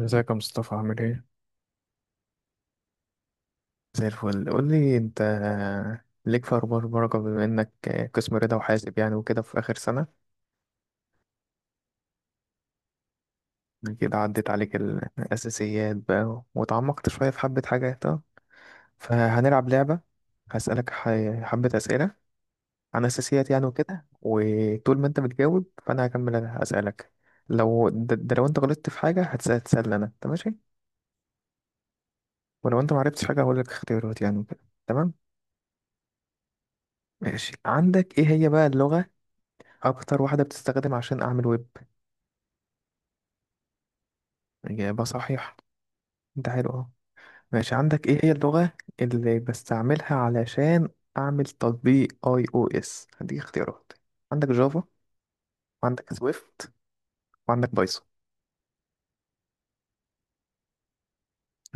ازيك يا مصطفى؟ عامل ايه؟ زي الفل. قول لي انت، ليك في اخبار بركه؟ بما انك قسم رضا وحاسب يعني وكده في اخر سنه، كده عدت عليك الاساسيات بقى وتعمقت شويه في حبه حاجات اه. فهنلعب لعبه. هسالك حبه اسئله عن اساسيات يعني وكده، وطول ما انت بتجاوب فانا هكمل اسالك. لو ده لو انت غلطت في حاجه هتسال. انا انت ماشي؟ ولو انت معرفتش حاجه هقول لك اختيارات يعني وكده. تمام ماشي. عندك ايه هي بقى اللغه اكتر واحدة بتستخدم عشان اعمل ويب؟ اجابة صحيحة. انت حلو اهو. ماشي، عندك ايه هي اللغة اللي بستعملها علشان اعمل تطبيق اي او اس؟ هديك اختيارات. عندك جافا، وعندك سويفت، وعندك بايثون.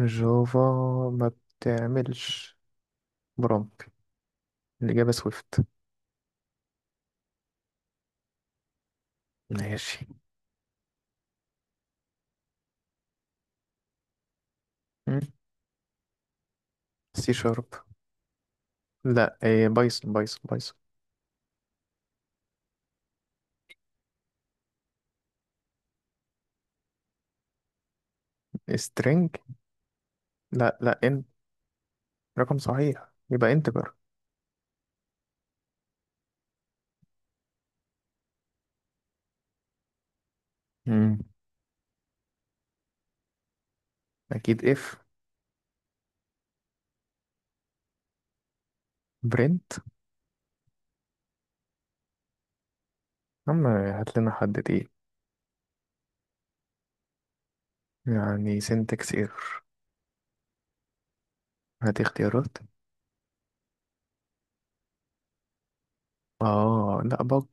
جافا ما بتعملش برومبت. الاجابة سويفت. ماشي. م? سي شارب. لا، إيه، بايثون بايثون بايثون. سترينج. لا لا، ان رقم صحيح يبقى انتجر. مم. اكيد اف. برنت. عم هات لنا حد تقيل. يعني سنتكس ايرور. هات اختيارات. اه لا، بج.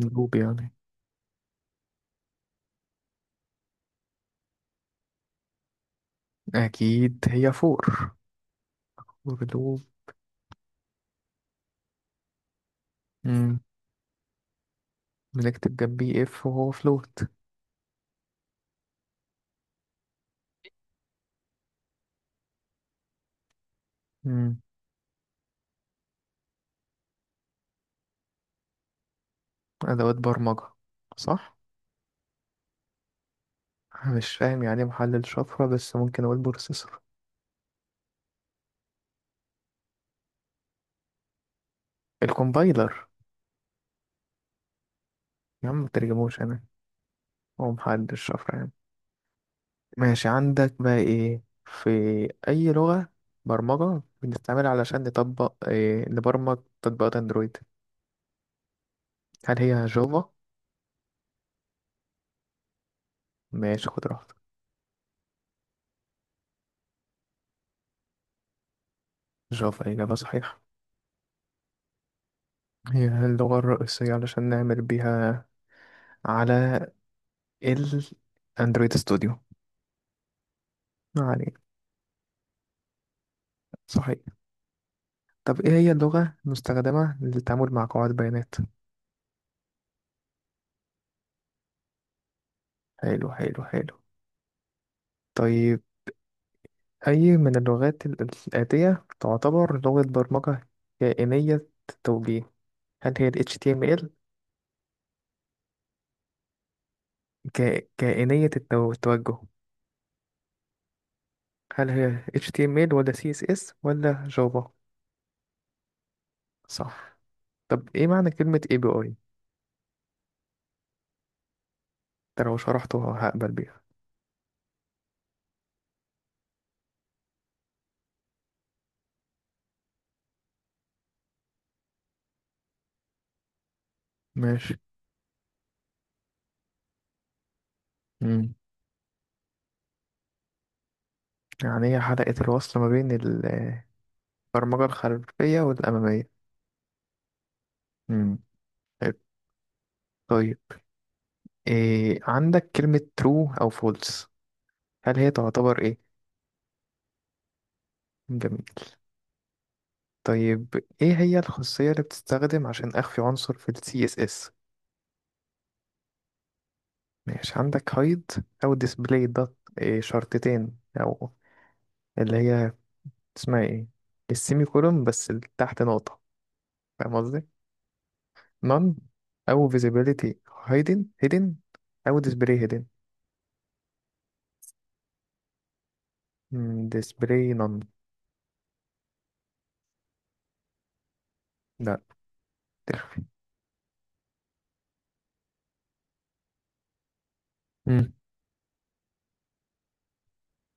لوب يعني. اكيد هي فور. فور لوب. مم. بنكتب جنبيه اف وهو فلوت. مم. ادوات برمجة؟ صح. أنا مش فاهم يعني إيه محلل شفرة، بس ممكن اقول بروسيسور. الكومبايلر. يا عم ما ترجموش، انا هو محلل شفرة يعني. ماشي، عندك بقى ايه في اي لغة برمجة بنستعملها علشان نطبق إيه، نبرمج تطبيقات اندرويد؟ هل هي جافا؟ ماشي خد راحتك. جافا إجابة صحيحة. هي اللغة الرئيسية علشان نعمل بيها على الأندرويد ستوديو يعني. صحيح. طب إيه هي اللغة المستخدمة للتعامل مع قواعد بيانات؟ حلو حلو حلو. طيب، أي من اللغات الآتية تعتبر لغة برمجة كائنية التوجيه؟ هل هي ال HTML؟ كائنية التوجه؟ هل هي HTML ولا CSS ولا جافا؟ صح. طب ايه معنى كلمة اي بي اي؟ انت لو شرحته هقبل بيها. ماشي. مم. يعني هي حلقة الوصل ما بين البرمجة الخلفية والأمامية. مم. حلو. طيب، إيه، عندك كلمة true أو false، هل هي تعتبر ايه؟ جميل. طيب ايه هي الخاصية اللي بتستخدم عشان أخفي عنصر في ال CSS؟ ماشي. عندك hide أو display dot، إيه شرطتين، أو اللي هي اسمها ايه؟ السيمي كولوم بس اللي تحت نقطة، فاهم قصدي؟ none، او visibility hidden، او display hidden. Display none. لا. مم.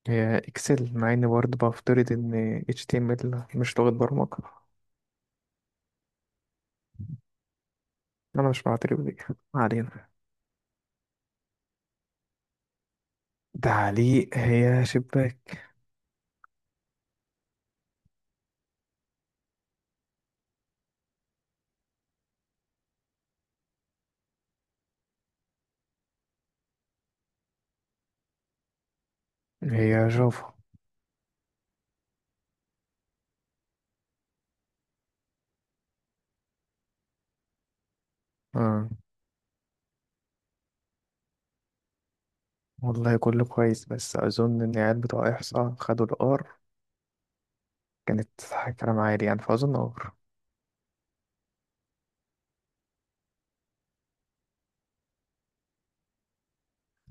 هي اكسل، مع اني برضه بفترض ان HTML مش لغة برمجة. انا مش بعترف بيها، ما علينا. تعليق هي شباك. هي جافا. آه. والله كله كويس، بس اظن ان العيال بتوع احصاء خدوا الار، كانت كلام عالي يعني، فاظن ار.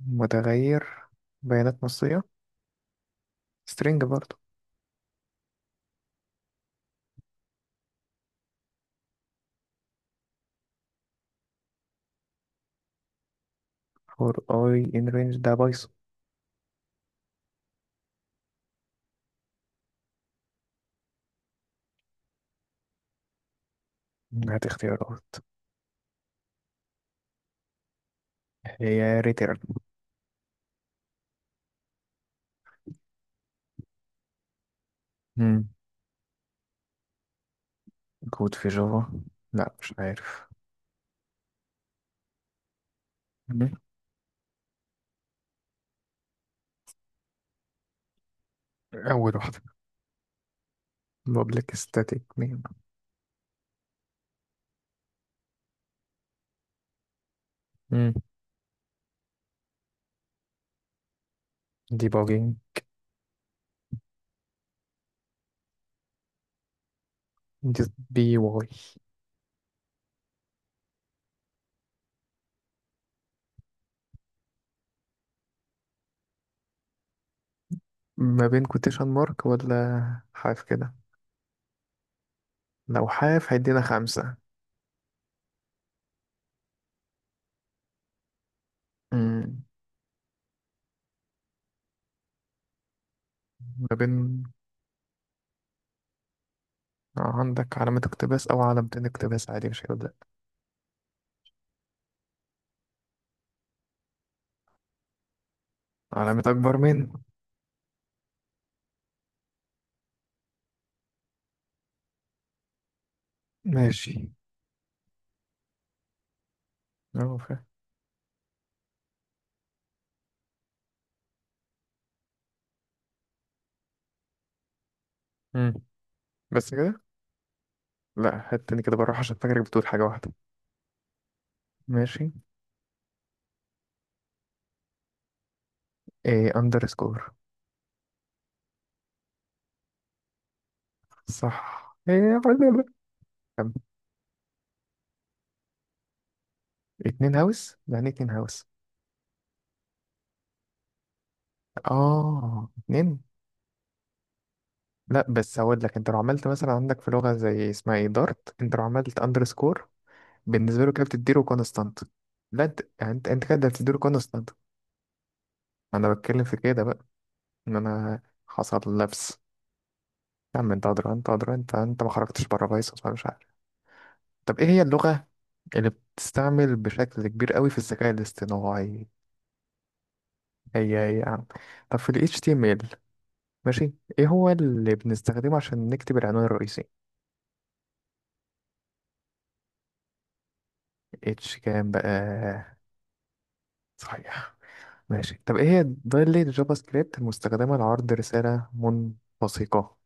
متغير بيانات نصية، string برضه. for i in range ده بايثون. هات اختيارات. هي ريتيرن. مم. كود في جافا؟ لا مش عارف. مم. أول واحدة، public static main. مم. debugging. just بي واي. ما بين quotation mark ولا حاف كده؟ لو حاف هيدينا خمسة. مم. ما بين، عندك علامة اقتباس أو علامة اقتباس عادي مش هيبدأ. علامة أكبر من. ماشي، أه فاهم. مم. بس كده. لا هات تاني كده، بروح عشان فاكرك بتقول حاجة واحدة. ماشي. ايه underscore. صح، إيه، كم؟ اتنين هاوس؟ يعني إيه اتنين هاوس؟ اه، اتنين. لا بس هقول لك، انت لو عملت مثلا عندك في لغة زي اسمها ايه، دارت، انت لو عملت اندرسكور بالنسبة له كده بتديله كونستانت. لا انت يعني، انت كده بتديله كونستانت. انا بتكلم في كده بقى، ان انا حصل لبس. يا عم انت ادرى انت ادرى، انت ما خرجتش بره بايثون مش عارف. طب ايه هي اللغة اللي بتستعمل بشكل كبير قوي في الذكاء الاصطناعي؟ هي هي يا عم. طب في ال HTML، ماشي، ايه هو اللي بنستخدمه عشان نكتب العنوان الرئيسي؟ اتش كام بقى؟ صحيح. ماشي. طب ايه هي دايلة جافا سكريبت المستخدمة لعرض رسالة منبثقة؟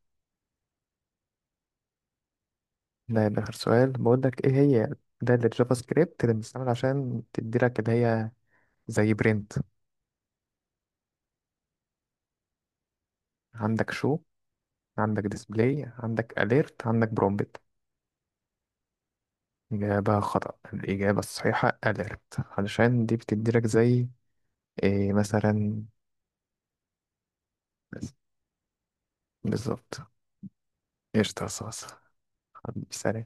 ده يبقى آخر سؤال بقول لك. ايه هي دايلة جافا سكريبت اللي بنستعمل عشان تدي لك اللي هي زي برنت؟ عندك شو، عندك ديسبلاي، عندك اليرت، عندك برومبت. إجابة خطأ. الإجابة الصحيحة اليرت علشان دي بتدي لك زي إيه مثلا. بالظبط. قشطة يا صاصة. حبيبي، سلام.